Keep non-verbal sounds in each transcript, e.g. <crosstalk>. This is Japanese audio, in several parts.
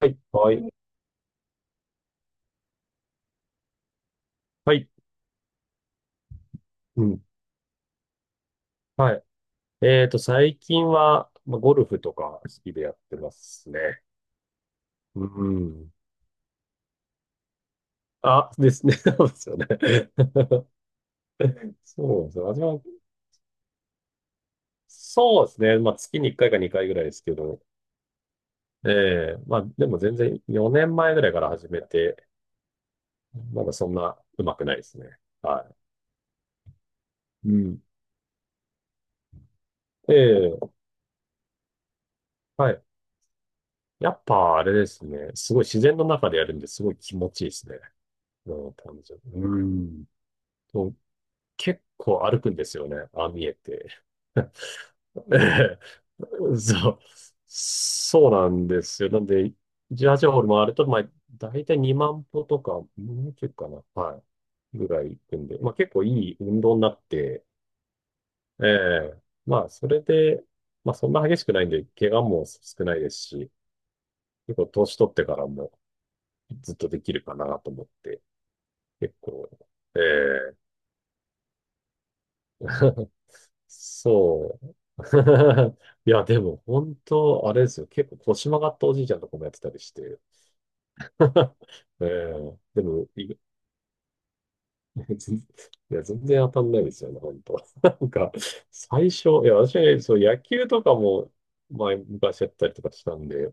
はい。はい。はい。うん。はい。最近は、まあ、ゴルフとか好きでやってますね。うん。あ、ですね。<laughs> そうですよね。<laughs> そうですね。私も、そうですね。まあ、月に1回か2回ぐらいですけど、ええまあ、でも全然4年前ぐらいから始めて、まだそんな上手くないですね。はい。うん。ええはい。やっぱあれですね。すごい自然の中でやるんですごい気持ちいいですね。うん、単純に。うん。そう結構歩くんですよね。ああ見えて。<laughs> ええそう。そうなんですよ。なんで、18ホール回ると、まあ、だいたい2万歩とか、もうちょいかな。はい。ぐらい行くんで、まあ結構いい運動になって、ええまあそれで、まあそんな激しくないんで、怪我も少ないですし、結構年取ってからもずっとできるかなと思って、結構、ええ <laughs> そう。<laughs> いや、でも本当、あれですよ。結構腰曲がったおじいちゃんとかもやってたりして。<laughs> ええでも、い <laughs>、全いや、全然当たんないですよね、本当。<laughs> なんか、最初、いや、私、そう、野球とかも、前、昔やったりとかしたんで、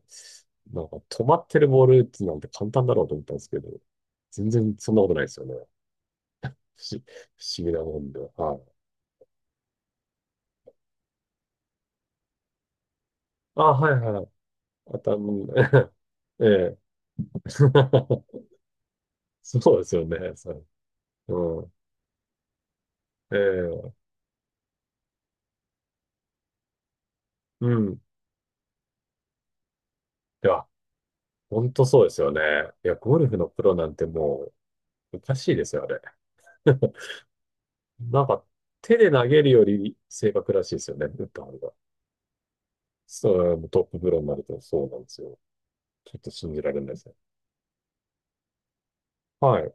なんか、止まってるボール打つなんて簡単だろうと思ったんですけど、全然そんなことないですよね。不思議なもんで。はい。あ、はいはい。当たん、<laughs> ええ <laughs> そうですよね。そう、うん。ええうん。いや、本当そうですよね。いや、ゴルフのプロなんてもう、おかしいですよ、あれ。なんか、手で投げるより正確らしいですよね、打った方が。そう、トッププロになるとそうなんですよ。ちょっと信じられないですね。はい。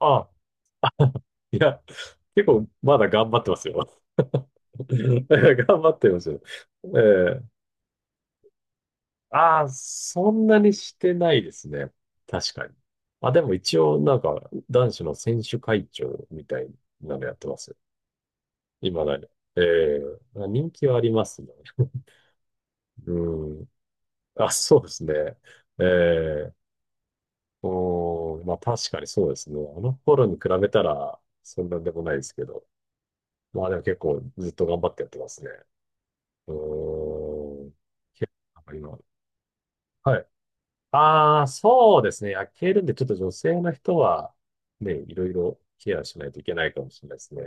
あ、いや、結構まだ頑張ってますよ。<laughs> 頑張ってますよ。ええああ、そんなにしてないですね。確かに。まあ、でも一応、なんか、男子の選手会長みたいなのやってますよ。今だに。ええ人気はありますね。うん。あ、そうですね。ええうん。まあ確かにそうですね。あの頃に比べたら、そんなんでもないですけど。まあでも結構ずっと頑張ってやってますね。うん。結構、なんか今、はい。ああ、そうですね。焼けるんで、ちょっと女性の人は、ね、いろいろケアしないといけないかもしれないですね。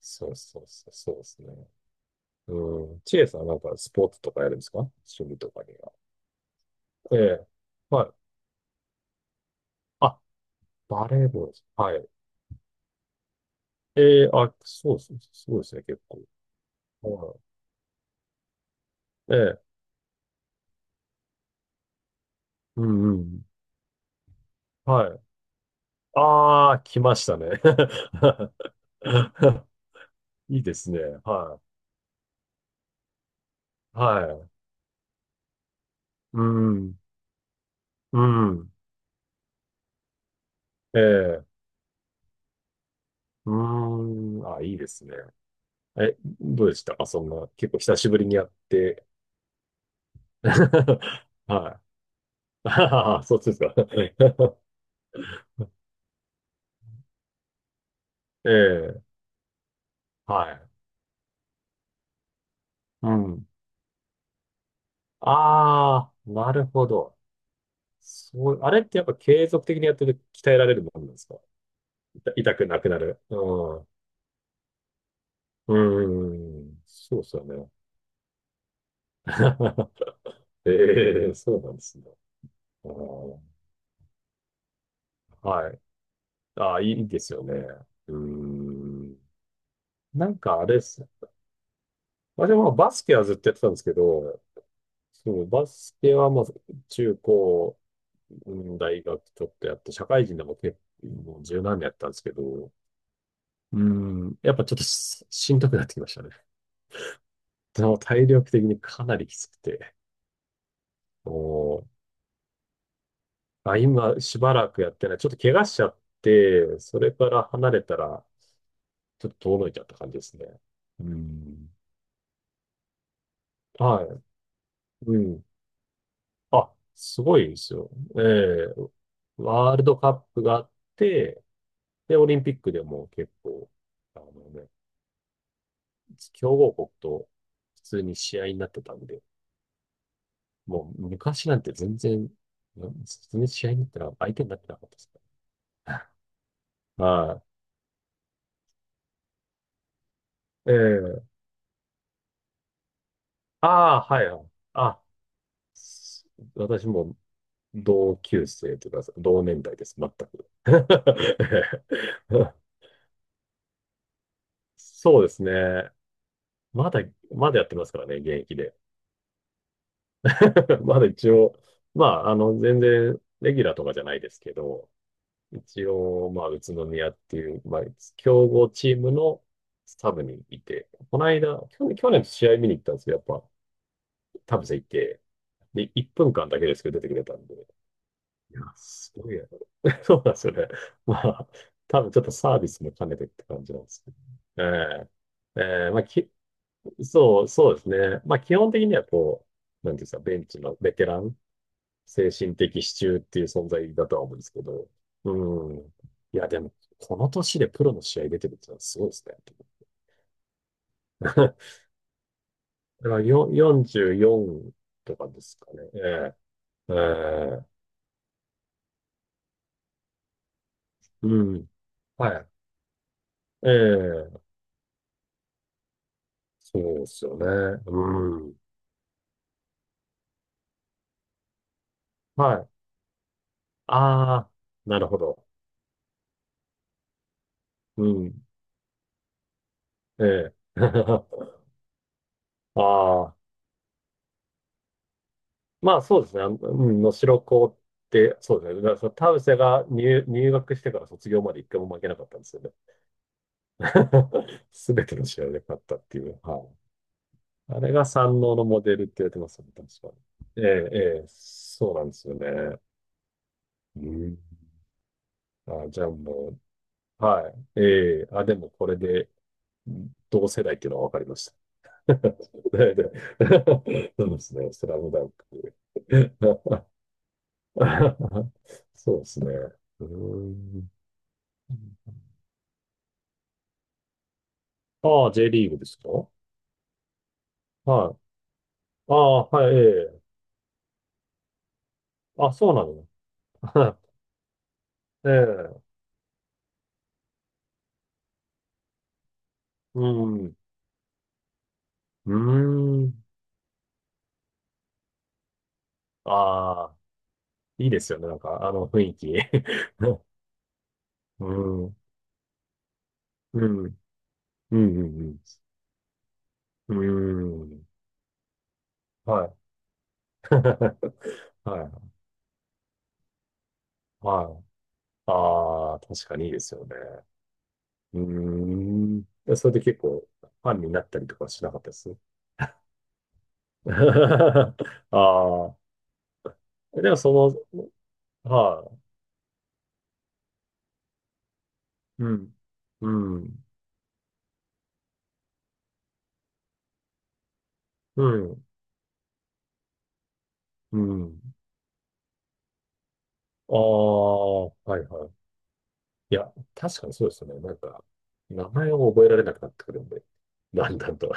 そうそうそう、そうですね。うん。チエさんなんかスポーツとかやるんですか？趣味とかには。ええ。はい。あ、バレーボールです。はい。ええ、あ、そうです。すごいですね、結構。はい。ええ。うんうん。はい。ああ、来ましたね。<laughs> いいですね。はい。はい。うん。うん。ええ。うーん、あ、いいですね。え、どうでしたか？そんな、結構久しぶりにやって。<laughs> はい。<laughs> ああそうですか。<laughs> ええ、はい。うん。ああ、なるほど。そう、あれってやっぱ継続的にやってると鍛えられるもんなんですか？痛くなくなる。うん。うーん。そうですよね。<laughs> ええそうなんですね。うんはい。ああ、いいですよね。うーん。なんかあれです。まあでもまあバスケはずっとやってたんですけど、そう、バスケはまあ中高、うん大学ちょっとやって、社会人でも結構もう十何年やったんですけど、うん、やっぱちょっとしんどくなってきましたね。でも体力的にかなりきつくて、もう、あ、今しばらくやってない。ちょっと怪我しちゃって、それから離れたら、ちょっと遠のいちゃった感じですね。うん。はい。うん。あ、すごいですよ。ええワールドカップがあって、で、オリンピックでも結構、あのね、強豪国と普通に試合になってたんで、もう昔なんて全然、うん普通に試合になったら相手になってなかったですね。はい。ええああ、はいはい。あ、す私も同級生というか、同年代です、全く。<laughs> ええそうですね。まだ、まだやってますからね、現役で。<laughs> まだ一応、まあ、あの、全然、レギュラーとかじゃないですけど、一応、まあ、宇都宮っていう、まあ、強豪チームのサブにいて、この間、去年試合見に行ったんですけど、やっぱ、田臥いて、で、1分間だけですけど出てくれたんで、いや、すごいやろ。<laughs> そうなんですよね。まあ、多分ちょっとサービスも兼ねてって感じなんですけど。ええ、ええ、まあ、そう、そうですね。まあ、基本的にはこう、なんていうんですか、ベンチのベテラン精神的支柱っていう存在だとは思うんですけど。うん。いや、でも、この年でプロの試合出てるってのはすごいですね。<laughs> だからよ44とかですかね。ええええうん。はい。ええそうですよね。うん。はい。ああ、なるほど。うん。ええ <laughs> ああ、まあそうですね。あのうん、能代高って、そうですね。だからその田臥が入学してから卒業まで一回も負けなかったんですよね。<laughs> すべての試合で勝ったっていう。はい。あれが三能のモデルって言われてますよね、確かに。ええ、ええ、そうなんですよね。うん。あ、じゃあもう、はい。ええ、あ、でもこれで、うん同世代っていうのは分かりました。<laughs> ねね <laughs> そうですね、スラムダンク。<laughs> そうですね。うーん。ああ、J リーグですか？はい。ああ、はい、ええ。あ、そうなの。<laughs> ええ。うん。うーん。ああ、いいですよね。なんか、あの雰囲気。<laughs> うん。うん。うん。うん。うん。うん。はい。<laughs> はい。はい。ああ、確かにいいですよね。うーん。でそれで結構、ファンになったりとかしなかったです<laughs> ああ。でも、その、はい。うん。うん。うん。うん。ああ、はいはい。いや、確かにそうですよね。なんか、名前を覚えられなくなってくるんで、だんだんと。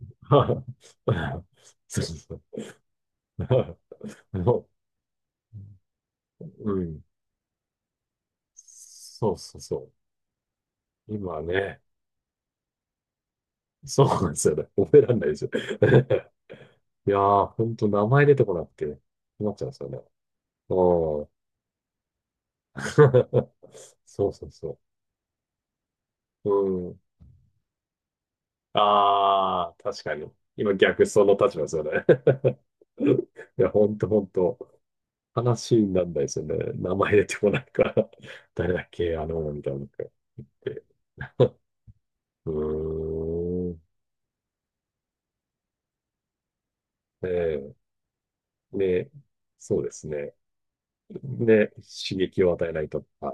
<laughs> そうそうそう。<laughs> もう、うん。そうそうそう。今ね、そうなんですよね。覚えられないですよ。<laughs> いやー、ほんと名前出てこなくて、困っちゃうんですよね。うん。<laughs> そうそうそう。うん。ああ、確かに。今逆その立場ですよね。<laughs> いや、ほんとほんと。話になんないですよね。名前出てこないから <laughs> 誰だっけあの、みたいなのがあって。<laughs> うーん。ね。ねえで、そうですね。で、刺激を与えないと、あ